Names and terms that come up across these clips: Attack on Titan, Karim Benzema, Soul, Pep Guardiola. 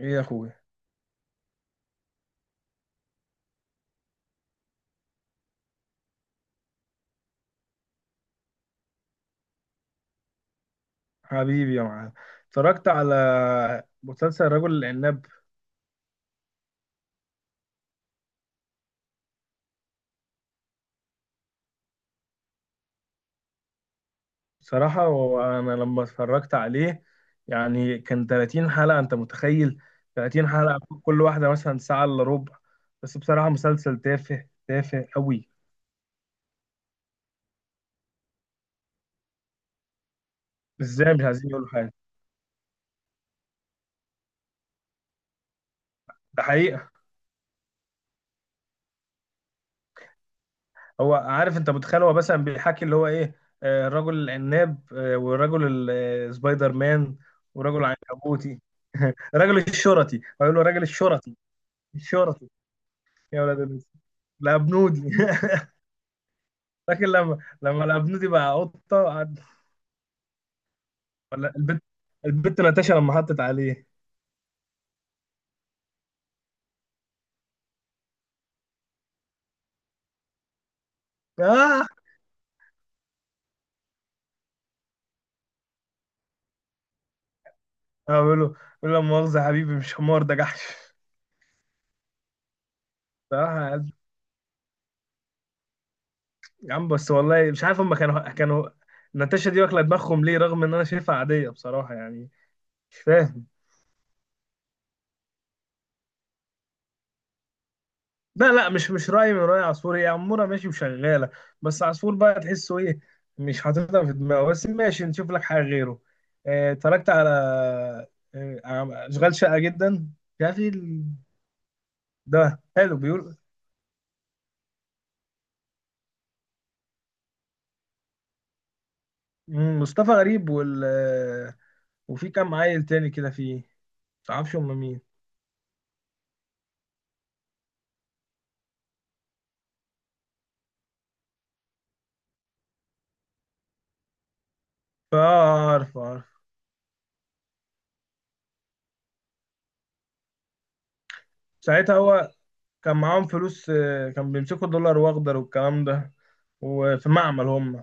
ايه يا اخويا. حبيبي يا معلم. اتفرجت على مسلسل رجل العناب. بصراحة وانا لما اتفرجت عليه يعني كان 30 حلقة، انت متخيل؟ 30 حلقة كل واحدة مثلا ساعة الا ربع. بس بصراحة مسلسل تافه تافه قوي. ازاي مش عايزين يقولوا حاجة؟ ده حقيقة. هو عارف، انت متخيل؟ هو مثلا بيحكي اللي هو ايه، رجل العناب، ورجل سبايدر مان، ورجل عنكبوتي. رجل الشرطي، هو يقول له رجل الشرطي الشرطي. يا ولاد الناس، الابنودي. لكن لما الابنودي بقى قطه ولا البت، البت ناتاشا لما حطت عليه. اه، بقول له لا مؤاخذه يا حبيبي، مش حمار ده جحش. صراحه يا عم، بس والله مش عارف، هم كانوا ناتاشا دي واكله دماغهم ليه؟ رغم ان انا شايفها عاديه بصراحه يعني. مش فاهم. لا لا، مش رأي من رأي عصفور. هي عمورة ماشي وشغالة. بس عصفور بقى تحسه ايه؟ مش حاططها في دماغه، بس ماشي نشوف لك حاجة غيره. اتفرجت على، على أشغال شقة جدا. يا في ال... ده حلو، بيقول مصطفى غريب وال وفي كام عيل تاني كده فيه. متعرفش هم مين؟ فا عارف عارف. ساعتها هو كان معاهم فلوس، كان بيمسكوا دولار واخضر والكلام ده، وفي معمل هم.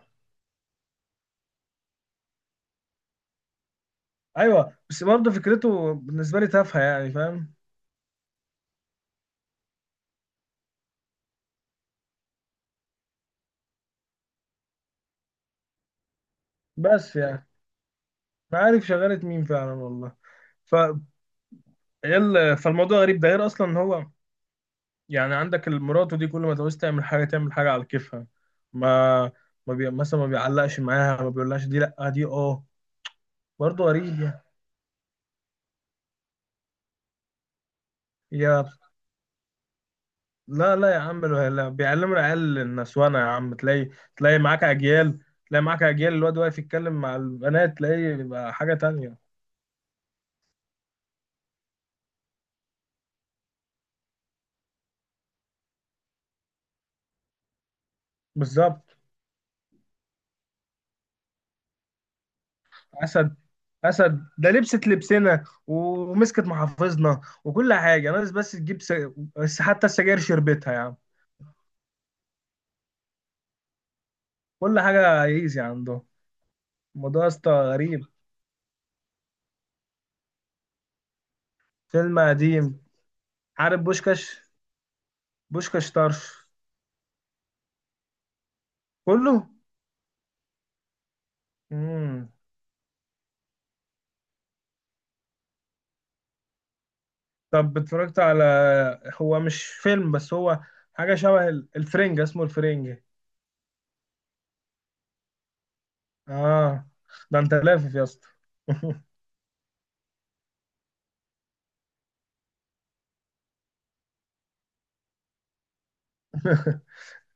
ايوه بس برضه فكرته بالنسبه لي تافهه، يعني فاهم؟ بس يعني ما عارف شغاله مين فعلا والله. ف فالموضوع غريب ده، غير اصلا ان هو يعني عندك المراته دي، كل ما تعوز تعمل حاجه تعمل حاجه على كيفها. ما ما بي... مثلا ما بيعلقش معاها، ما بيقولهاش دي لا دي اه. برضه غريب يعني. يا لا لا يا عم، لا لا. بيعلموا العيال النسوانه يا عم، تلاقي تلاقي معاك اجيال تلاقي معاك اجيال الواد واقف يتكلم مع البنات، تلاقيه بيبقى حاجه تانية. بالظبط. اسد، اسد ده لبست لبسنا ومسكت محافظنا وكل حاجه، ناقص بس تجيب بس حتى السجاير شربتها يا عم. كل حاجه ايزي عندهم. الموضوع يا اسطى غريب. فيلم قديم؟ عارف بوشكاش؟ بوشكاش طرش كله. امم طب اتفرجت على، هو مش فيلم بس هو حاجه شبه الفرنجة، اسمه الفرنجة. اه ده انت لافف يا اسطى.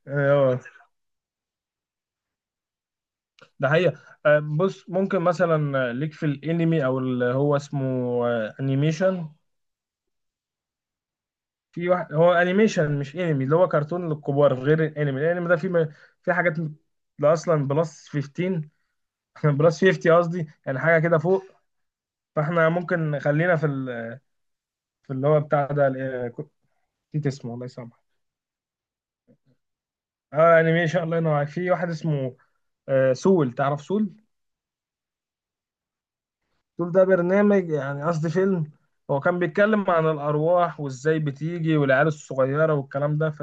ايوه ده حقيقة. بص ممكن مثلا ليك في الانمي، او اللي هو اسمه انيميشن. في واحد هو انيميشن مش انمي، اللي هو كرتون للكبار غير الانمي. الانمي ده في حاجات، ده اصلا بلس 15. بلس 50 قصدي، يعني حاجة كده فوق. فاحنا ممكن خلينا في ال... في اللي هو بتاع ده كنت نسيت اسمه، الله يسامحك. اه انيميشن، الله ينور عليك. في واحد اسمه سول، تعرف سول؟ شوف، ده برنامج، يعني قصدي فيلم. هو كان بيتكلم عن الأرواح وإزاي بتيجي والعيال الصغيرة والكلام ده ف...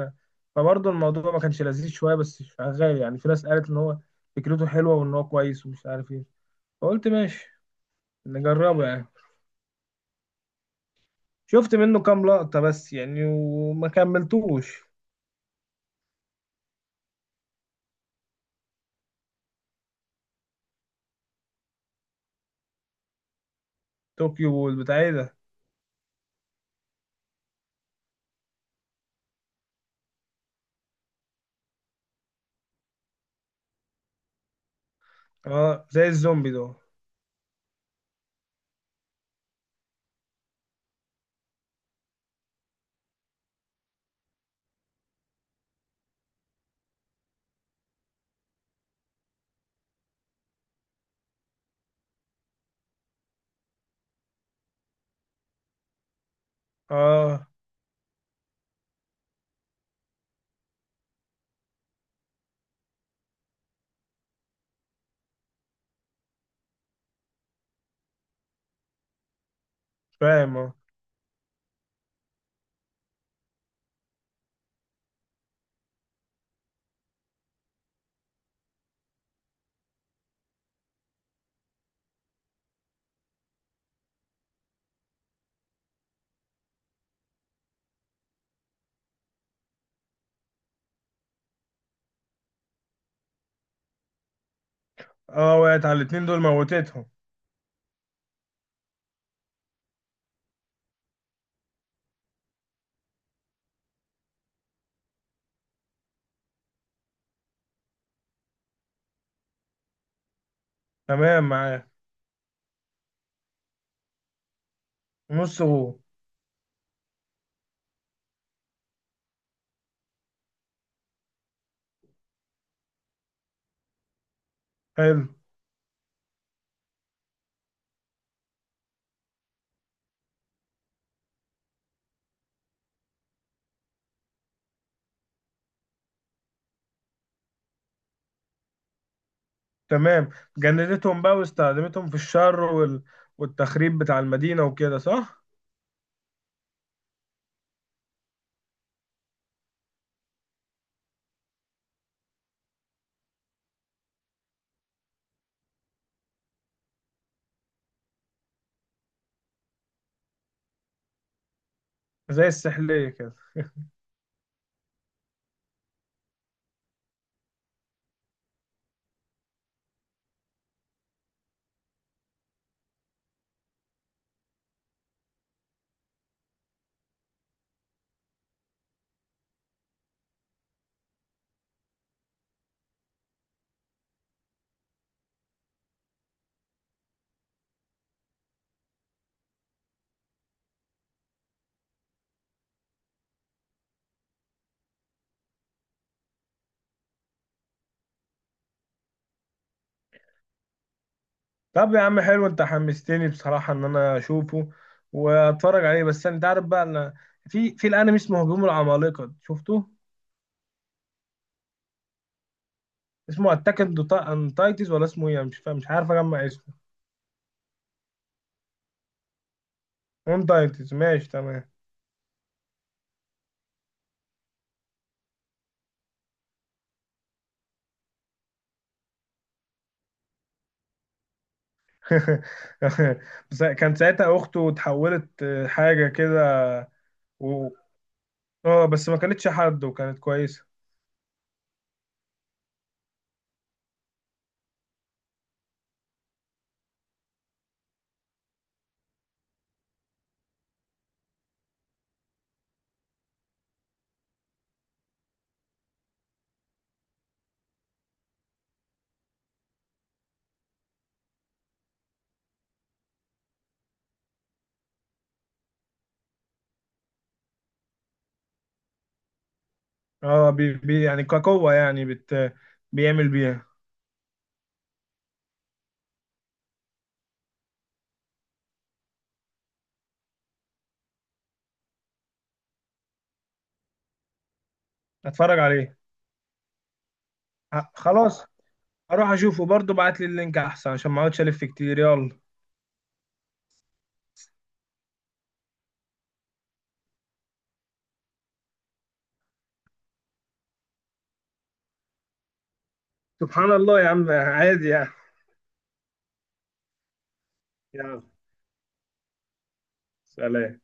فبرضه الموضوع ما كانش لذيذ شوية، بس شغال يعني. في ناس قالت إن هو فكرته حلوة وإن هو كويس ومش عارف إيه، فقلت ماشي نجربه يعني. شفت منه كام لقطة بس يعني، وما كملتوش. طوكيو، والبتاع إيه ده؟ اه زي الزومبي ده. اه فاهم اه. اه وقعت على الاتنين دول، موتتهم؟ تمام معايا. نص غو. حلو. تمام. جندتهم بقى واستخدمتهم في الشر وال... والتخريب بتاع المدينة وكده، صح؟ زي السحلية كده. طب يا عم، حلو، انت حمستني بصراحة ان انا اشوفه واتفرج عليه. بس انت عارف بقى ان في الانمي اسمه هجوم العمالقة، شفته؟ اسمه اتاك اون تايتنز ولا اسمه ايه؟ أنا مش فاهم، مش عارف اجمع اسمه. اون تايتنز، ماشي تمام. بس كان ساعتها اخته اتحولت، حاجة كده و... اه بس ما كانتش حد، وكانت كويسة. اه بي يعني كقوة، يعني بيعمل بيها. اتفرج عليه. خلاص، اروح اشوفه برضه. بعت لي اللينك احسن، عشان ما اقعدش الف كتير. يلا سبحان الله يا عم، عادي يعني. يلا سلام.